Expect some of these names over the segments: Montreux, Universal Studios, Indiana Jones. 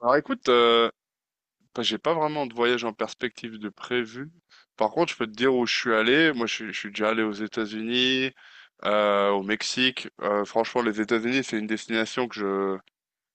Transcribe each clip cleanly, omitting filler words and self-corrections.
Alors écoute, j'ai pas vraiment de voyage en perspective de prévu. Par contre, je peux te dire où je suis allé. Moi, je suis déjà allé aux États-Unis, au Mexique. Franchement, les États-Unis, c'est une destination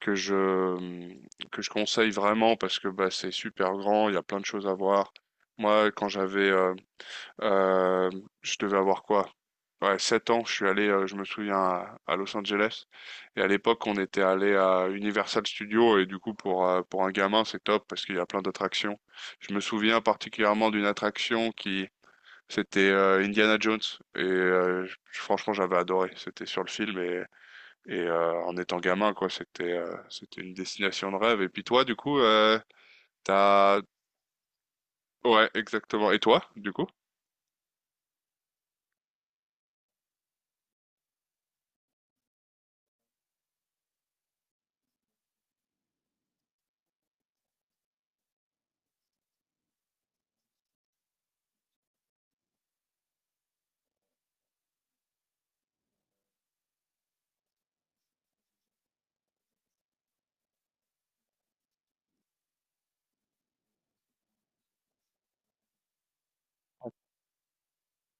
que je hum, que je conseille vraiment parce que bah, c'est super grand, il y a plein de choses à voir. Moi, quand j'avais euh, je devais avoir quoi? Ouais, 7 ans, je suis allé, je me souviens, à Los Angeles. Et à l'époque, on était allé à Universal Studios. Et du coup, pour un gamin, c'est top parce qu'il y a plein d'attractions. Je me souviens particulièrement d'une attraction c'était Indiana Jones. Franchement, j'avais adoré. C'était sur le film. Et en étant gamin, quoi, c'était une destination de rêve. Et puis toi, du coup, t'as... Ouais, exactement. Et toi, du coup?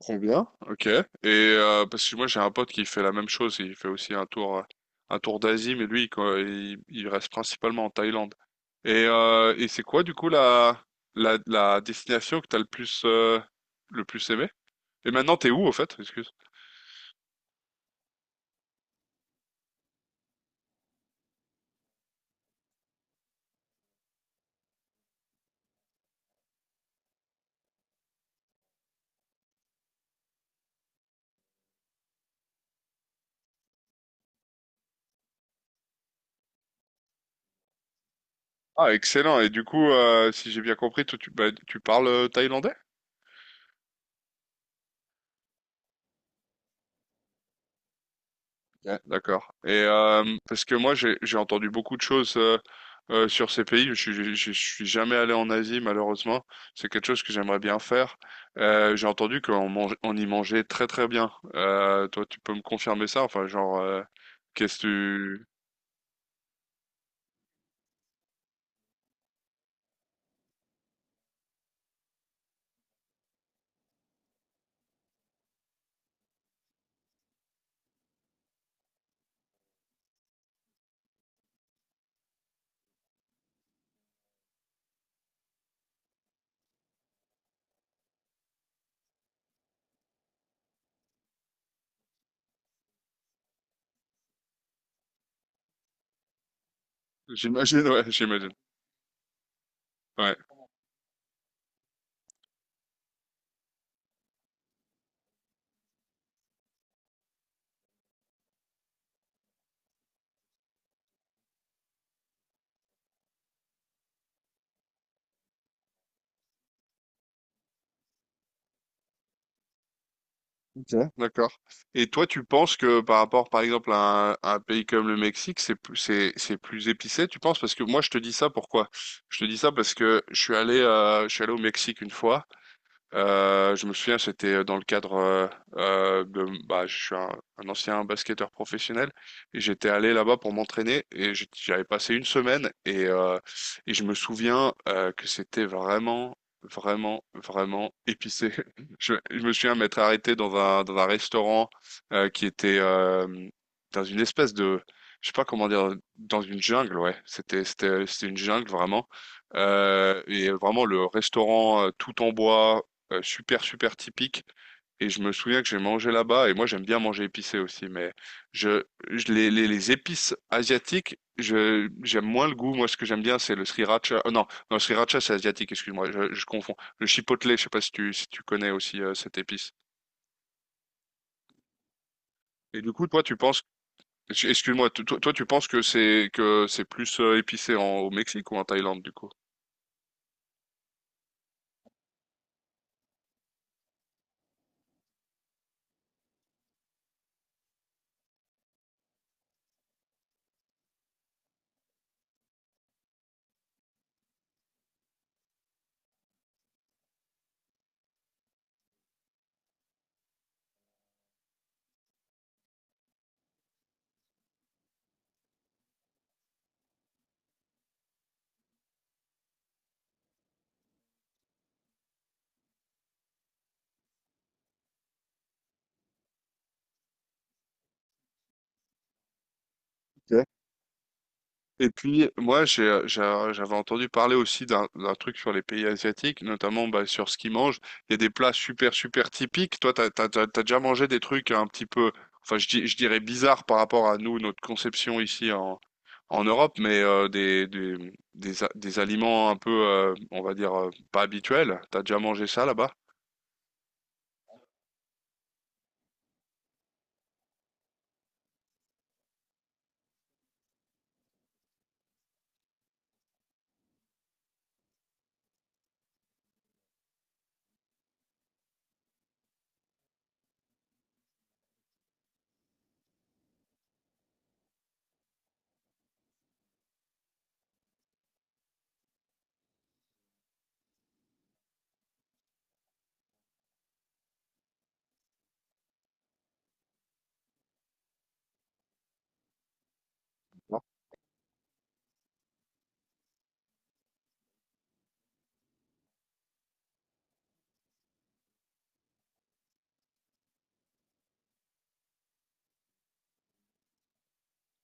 Trop bien, ok. Et parce que moi j'ai un pote qui fait la même chose, il fait aussi un tour d'Asie, mais lui quoi, il reste principalement en Thaïlande. Et c'est quoi du coup la destination que t'as le plus aimé? Et maintenant t'es où au fait? Excuse. Ah excellent. Et du coup, si j'ai bien compris, toi, tu, bah, tu parles thaïlandais? Ouais, d'accord. Et parce que moi j'ai entendu beaucoup de choses sur ces pays. Je suis jamais allé en Asie malheureusement. C'est quelque chose que j'aimerais bien faire. J'ai entendu qu'on mange on y mangeait très très bien. Toi tu peux me confirmer ça? Enfin genre qu'est-ce que tu j'imagine ouais j'imagine ouais. Ok, d'accord. Et toi, tu penses que par rapport, par exemple, à un pays comme le Mexique, c'est plus épicé, tu penses? Parce que moi, je te dis ça pourquoi? Je te dis ça parce que je suis allé au Mexique une fois je me souviens, c'était dans le cadre de je suis un ancien basketteur professionnel et j'étais allé là-bas pour m'entraîner et j'avais passé une semaine et je me souviens que c'était vraiment, vraiment, vraiment épicé. Je me souviens m'être arrêté dans un restaurant qui était dans une espèce de, je sais pas comment dire, dans une jungle, ouais. C'était une jungle vraiment. Et vraiment le restaurant tout en bois, super typique. Et je me souviens que j'ai mangé là-bas, et moi j'aime bien manger épicé aussi, mais je, les épices asiatiques, j'aime moins le goût. Moi, ce que j'aime bien, c'est le sriracha. Non, non, le sriracha, c'est asiatique, excuse-moi, je confonds. Le chipotle, je sais pas si tu connais aussi cette épice. Et du coup, toi, tu penses, excuse-moi, toi, tu penses que c'est plus épicé au Mexique ou en Thaïlande, du coup? Et puis, moi, j'avais entendu parler aussi d'un truc sur les pays asiatiques, notamment bah, sur ce qu'ils mangent. Il y a des plats super, super typiques. Toi, t'as déjà mangé des trucs un petit peu, enfin, je dirais bizarres par rapport à nous, notre conception en Europe, mais des aliments un peu, on va dire, pas habituels. T'as déjà mangé ça là-bas? Non.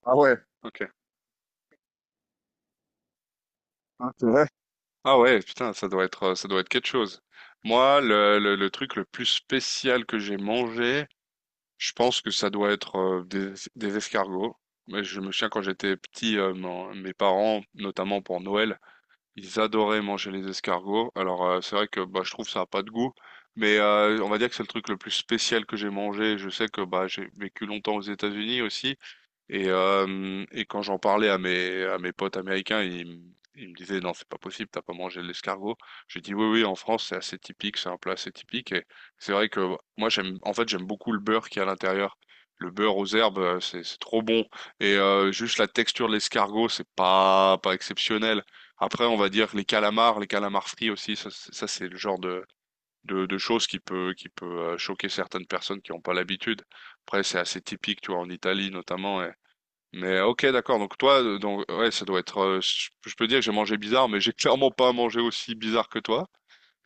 Ah ouais, ok. Hein, c'est vrai. Ah ouais, putain, ça doit être quelque chose. Moi, le truc le plus spécial que j'ai mangé, je pense que ça doit être des escargots. Mais je me souviens quand j'étais petit, mes parents, notamment pour Noël, ils adoraient manger les escargots. Alors c'est vrai que bah, je trouve ça a pas de goût, mais on va dire que c'est le truc le plus spécial que j'ai mangé. Je sais que bah, j'ai vécu longtemps aux États-Unis aussi, et quand j'en parlais à mes potes américains, ils me disaient, non, c'est pas possible, t'as pas mangé de l'escargot. J'ai dit, oui, oui, en France, c'est assez typique, c'est un plat assez typique. Et c'est vrai que moi, j'aime, en fait, j'aime beaucoup le beurre qui est à l'intérieur. Le beurre aux herbes, c'est trop bon. Et juste la texture de l'escargot, c'est pas, pas exceptionnel. Après, on va dire que les calamars frits aussi, c'est le genre de choses qui peut choquer certaines personnes qui n'ont pas l'habitude. Après, c'est assez typique, tu vois, en Italie notamment. Mais ok, d'accord. Donc toi, donc ouais, ça doit être. Je peux dire que j'ai mangé bizarre, mais j'ai clairement pas mangé aussi bizarre que toi.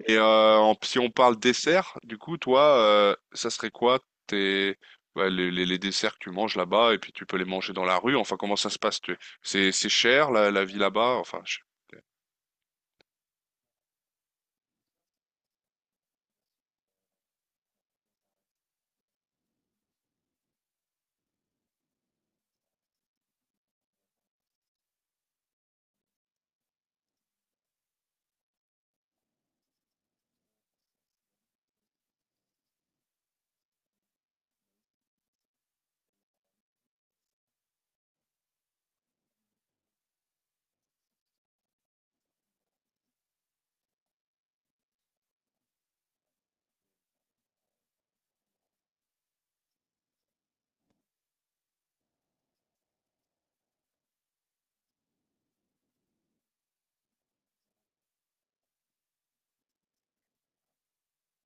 Si on parle dessert, du coup, toi, ça serait quoi tes, ouais, les desserts que tu manges là-bas et puis tu peux les manger dans la rue. Enfin, comment ça se passe? Tu- C'est cher la vie là-bas. Enfin, je-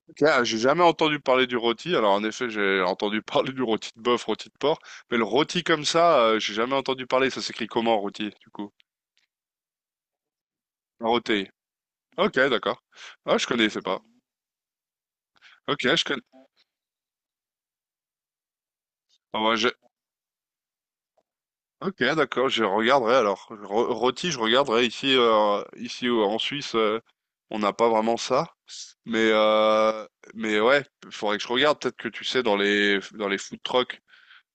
Ok, ah, j'ai jamais entendu parler du rôti. Alors en effet, j'ai entendu parler du rôti de bœuf, rôti de porc, mais le rôti comme ça, j'ai jamais entendu parler. Ça s'écrit comment rôti du coup? Rôti. Ok, d'accord. Ah, je connaissais pas. Ok, je connais. Ah, bah, je- Ok, d'accord. Je regarderai alors. Ro- Rôti, je regarderai ici, en Suisse, on n'a pas vraiment ça. Mais euh, mais ouais, faudrait que je regarde. Peut-être que tu sais dans les food trucks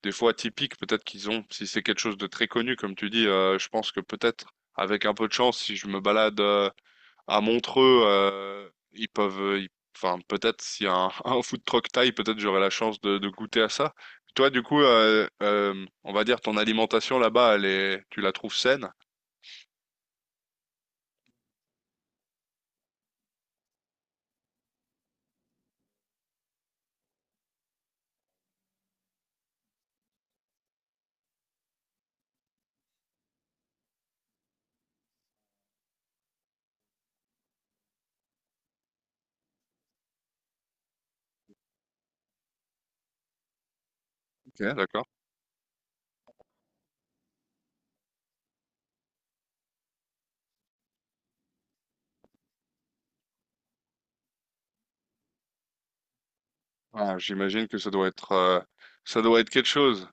des fois atypiques peut-être qu'ils ont. Si c'est quelque chose de très connu, comme tu dis, je pense que peut-être avec un peu de chance, si je me balade à Montreux, enfin peut-être s'il y a un, un food truck thaï, peut-être j'aurai la chance de goûter à ça. Toi, du coup, on va dire ton alimentation là-bas, elle est, tu la trouves saine? Ok, d'accord. Ah, j'imagine que ça doit être quelque chose.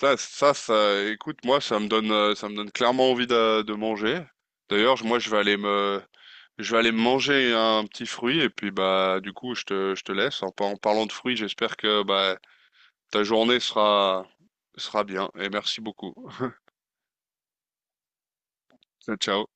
Écoute, moi, ça me donne clairement envie de manger. D'ailleurs, je- moi, je vais aller me, je vais aller me manger un petit fruit et puis bah, du coup, je te laisse. En parlant de fruits, j'espère que bah, ta journée sera, sera bien. Et merci beaucoup. Ciao.